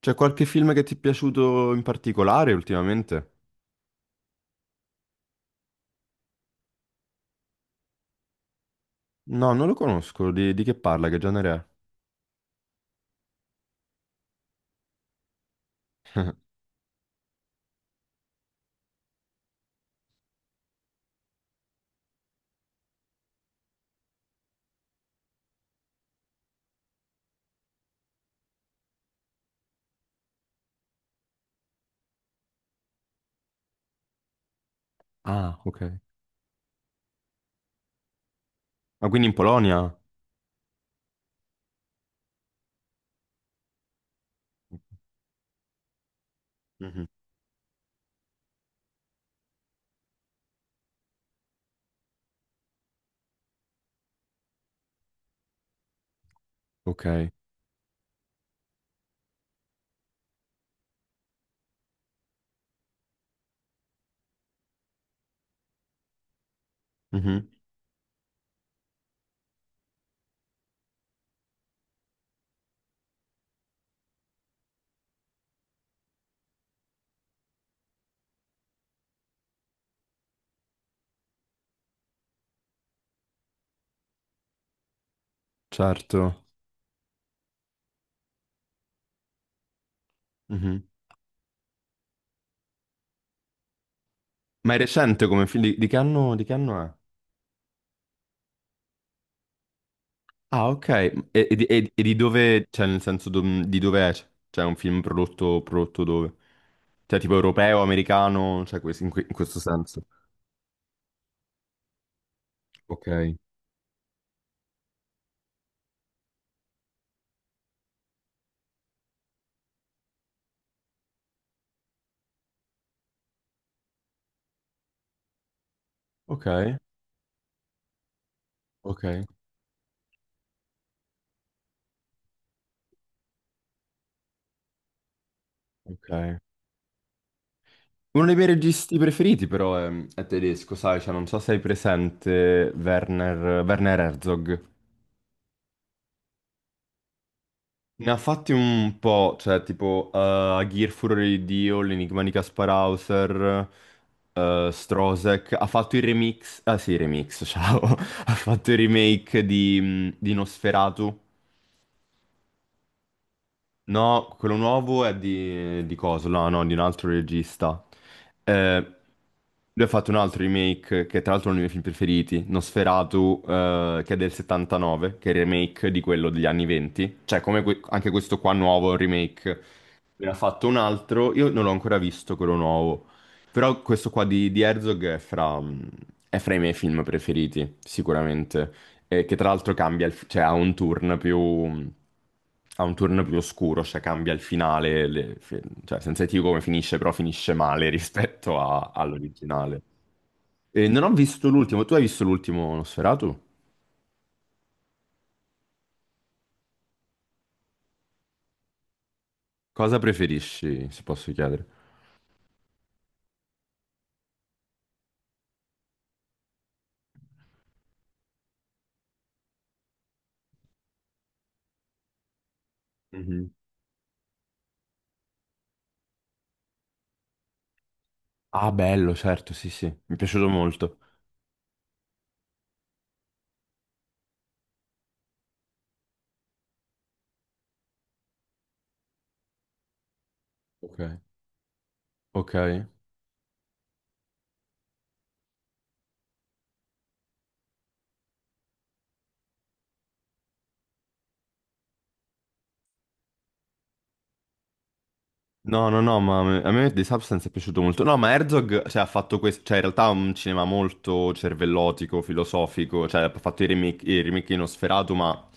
C'è qualche film che ti è piaciuto in particolare ultimamente? No, non lo conosco. Di che parla? Che genere è? Ah, ok. Ma quindi in Polonia? Mhm. Ok. Mhm. Certo. Mhm. Ma è recente come film? Di che anno, di che anno è? Ah, ok. E di dove, cioè nel senso di dove è? Cioè è un film prodotto dove? Cioè tipo europeo, americano, cioè in questo senso. Ok. Ok, ok, ok. Uno dei miei registi preferiti però è tedesco, sai, cioè, non so se hai presente Werner Herzog. Ne ha fatti un po', cioè tipo Aghir, Furore di Dio, L'Enigma di Kaspar Hauser, Strozek, ha fatto il remix, ah sì, remix, ciao, ha fatto il remake di Nosferatu. No, quello nuovo è di coso, no, no, di un altro regista. Eh, Lui ha fatto un altro remake, che tra l'altro è uno dei miei film preferiti, Nosferatu, che è del 79, che è il remake di quello degli anni 20. Cioè, come anche questo qua nuovo è un remake. Ne ha fatto un altro, io non l'ho ancora visto quello nuovo, però questo qua di Herzog è fra i miei film preferiti, sicuramente. Che tra l'altro cambia, il, cioè ha un ha un turn più oscuro, cioè cambia il finale, cioè senza dirti come finisce, però finisce male rispetto all'originale. E non ho visto l'ultimo, tu hai visto l'ultimo Nosferatu? Cosa preferisci, se posso chiedere? Mhm. Ah, bello, certo, sì, sì, mi è piaciuto molto. Ok. Ok. No, ma a me The Substance è piaciuto molto. No, ma Herzog, cioè, ha fatto questo, cioè, in realtà ha un cinema molto cervellotico, filosofico, cioè, ha fatto i remake di Nosferatu, ma,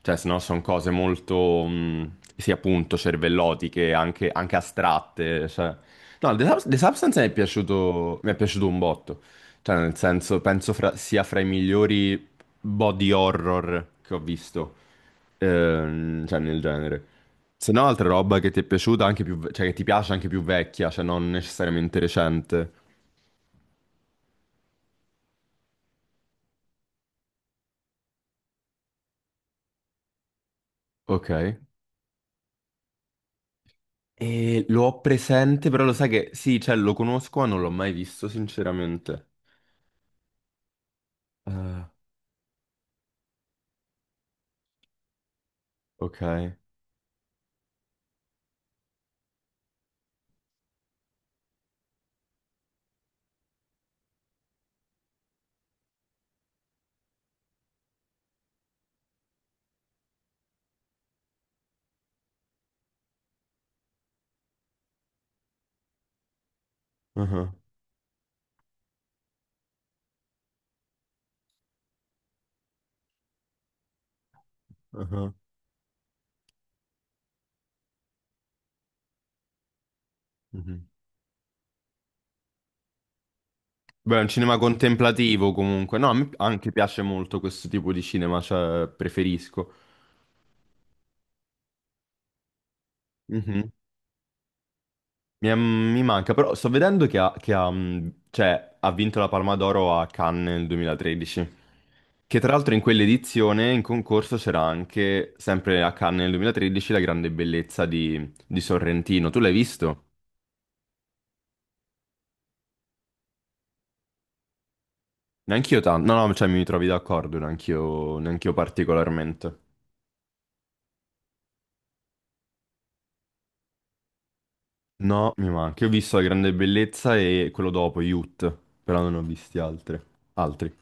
cioè, se no sono cose molto, sì, appunto, cervellotiche, anche astratte, cioè. No, The, Subs- The Substance mi è mi è piaciuto un botto, cioè, nel senso, penso sia fra i migliori body horror che ho visto. Cioè nel genere. Se no, altra roba che ti è piaciuta anche cioè che ti piace anche più vecchia, cioè non necessariamente recente. Ok. E lo ho presente, però lo sai che sì, cioè lo conosco, ma non l'ho mai visto, sinceramente. Ah, ok. Ah, ah, mhm. Beh, è un cinema contemplativo comunque. No, a me anche piace molto questo tipo di cinema, cioè preferisco. Uh-huh. Mi manca, però sto vedendo che ha, cioè, ha vinto la Palma d'Oro a Cannes nel 2013, che tra l'altro in quell'edizione in concorso c'era anche, sempre a Cannes nel 2013, La grande bellezza di Sorrentino. Tu l'hai visto? Neanch'io tanto, no, no, cioè mi trovi d'accordo, neanch'io particolarmente. No, mi manca. Io ho visto La grande bellezza e quello dopo, Youth, però non ho visti altri. Altri.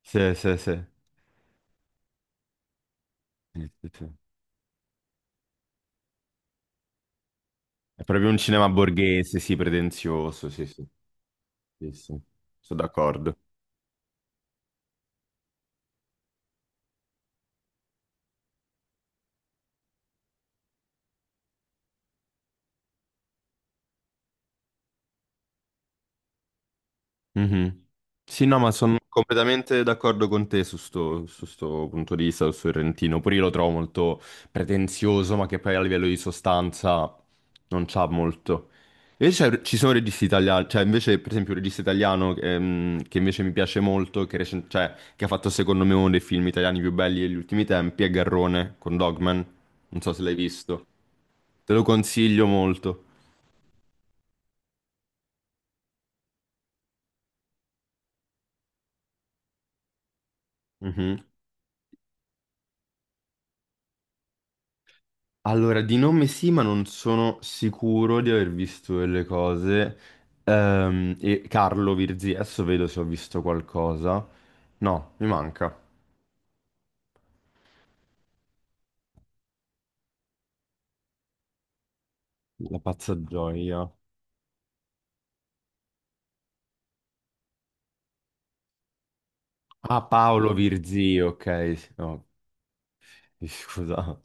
Sì, sì, sì. Sì, sì, sì. È proprio un cinema borghese, sì, pretenzioso, sì, sì, sì, sì. Sono d'accordo. Mhm. Sì, no, ma sono completamente d'accordo con te su sto punto di vista, su Sorrentino. Pure io lo trovo molto pretenzioso, ma che poi a livello di sostanza non c'ha molto. Invece ci sono registi italiani, cioè invece per esempio un regista italiano che invece mi piace molto, cioè, che ha fatto secondo me uno dei film italiani più belli degli ultimi tempi, è Garrone con Dogman. Non so se l'hai visto. Te lo consiglio molto. Mhm. Allora, di nome sì, ma non sono sicuro di aver visto delle cose. E Carlo Virzi, adesso vedo se ho visto qualcosa. No, mi manca. La pazza gioia. Ah, Paolo Virzi, ok, sì, no, scusa.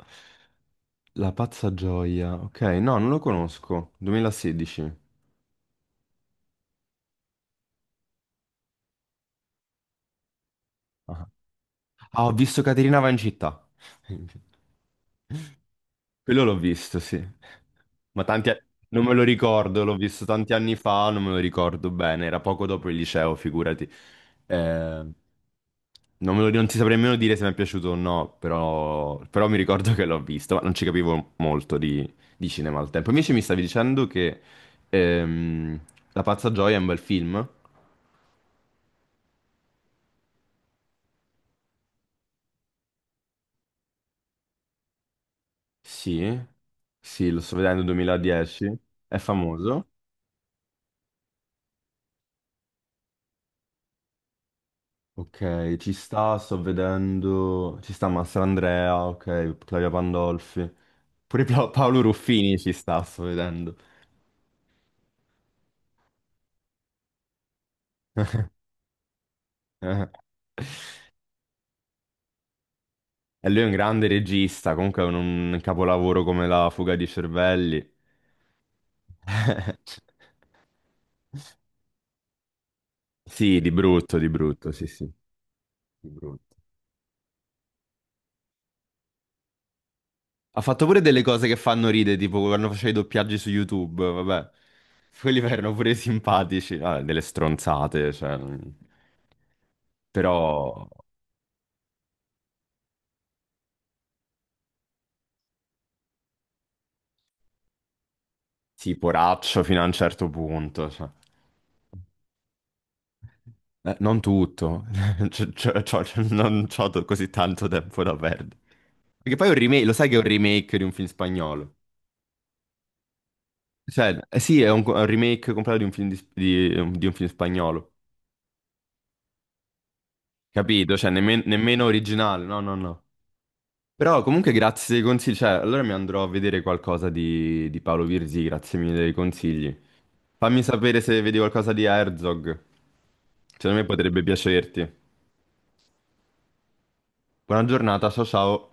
La pazza gioia. Ok, no, non lo conosco. 2016. Ah, Ah, ho visto Caterina va in città. Quello l'ho visto, sì. Ma tanti... Non me lo ricordo, l'ho visto tanti anni fa, non me lo ricordo bene, era poco dopo il liceo, figurati. Eh, Non non ti saprei nemmeno dire se mi è piaciuto o no, però, però mi ricordo che l'ho visto, ma non ci capivo molto di cinema al tempo. Invece mi stavi dicendo che ehm, La pazza gioia è un bel film? Sì, sì, lo sto vedendo 2010, è famoso. Ok, ci sta, sto vedendo, ci sta Mastrandrea, ok, Claudia Pandolfi, pure Paolo Ruffini ci sta, sto vedendo. Eh, E lui è un grande regista, comunque un capolavoro come La fuga di cervelli. Sì, di brutto, sì, sì, di brutto. Ha fatto pure delle cose che fanno ridere, tipo quando faceva i doppiaggi su YouTube, vabbè. Quelli erano pure simpatici, vabbè, delle stronzate, cioè... non- Però... Sì, poraccio fino a un certo punto, cioè. Non tutto, C'ho- c'ho- c'ho- non c'ho to- così tanto tempo da perdere. Perché poi è un remake, lo sai che è un remake di un film spagnolo? Cioè, eh sì, è un, è un remake completo di un film, di un film spagnolo, capito? Cioè, nemmeno originale, no, no, no. Però comunque grazie dei consigli, cioè, allora mi andrò a vedere qualcosa di Paolo Virzi, grazie mille dei consigli. Fammi sapere se vedi qualcosa di Herzog, secondo me potrebbe piacerti. Buona giornata, ciao ciao.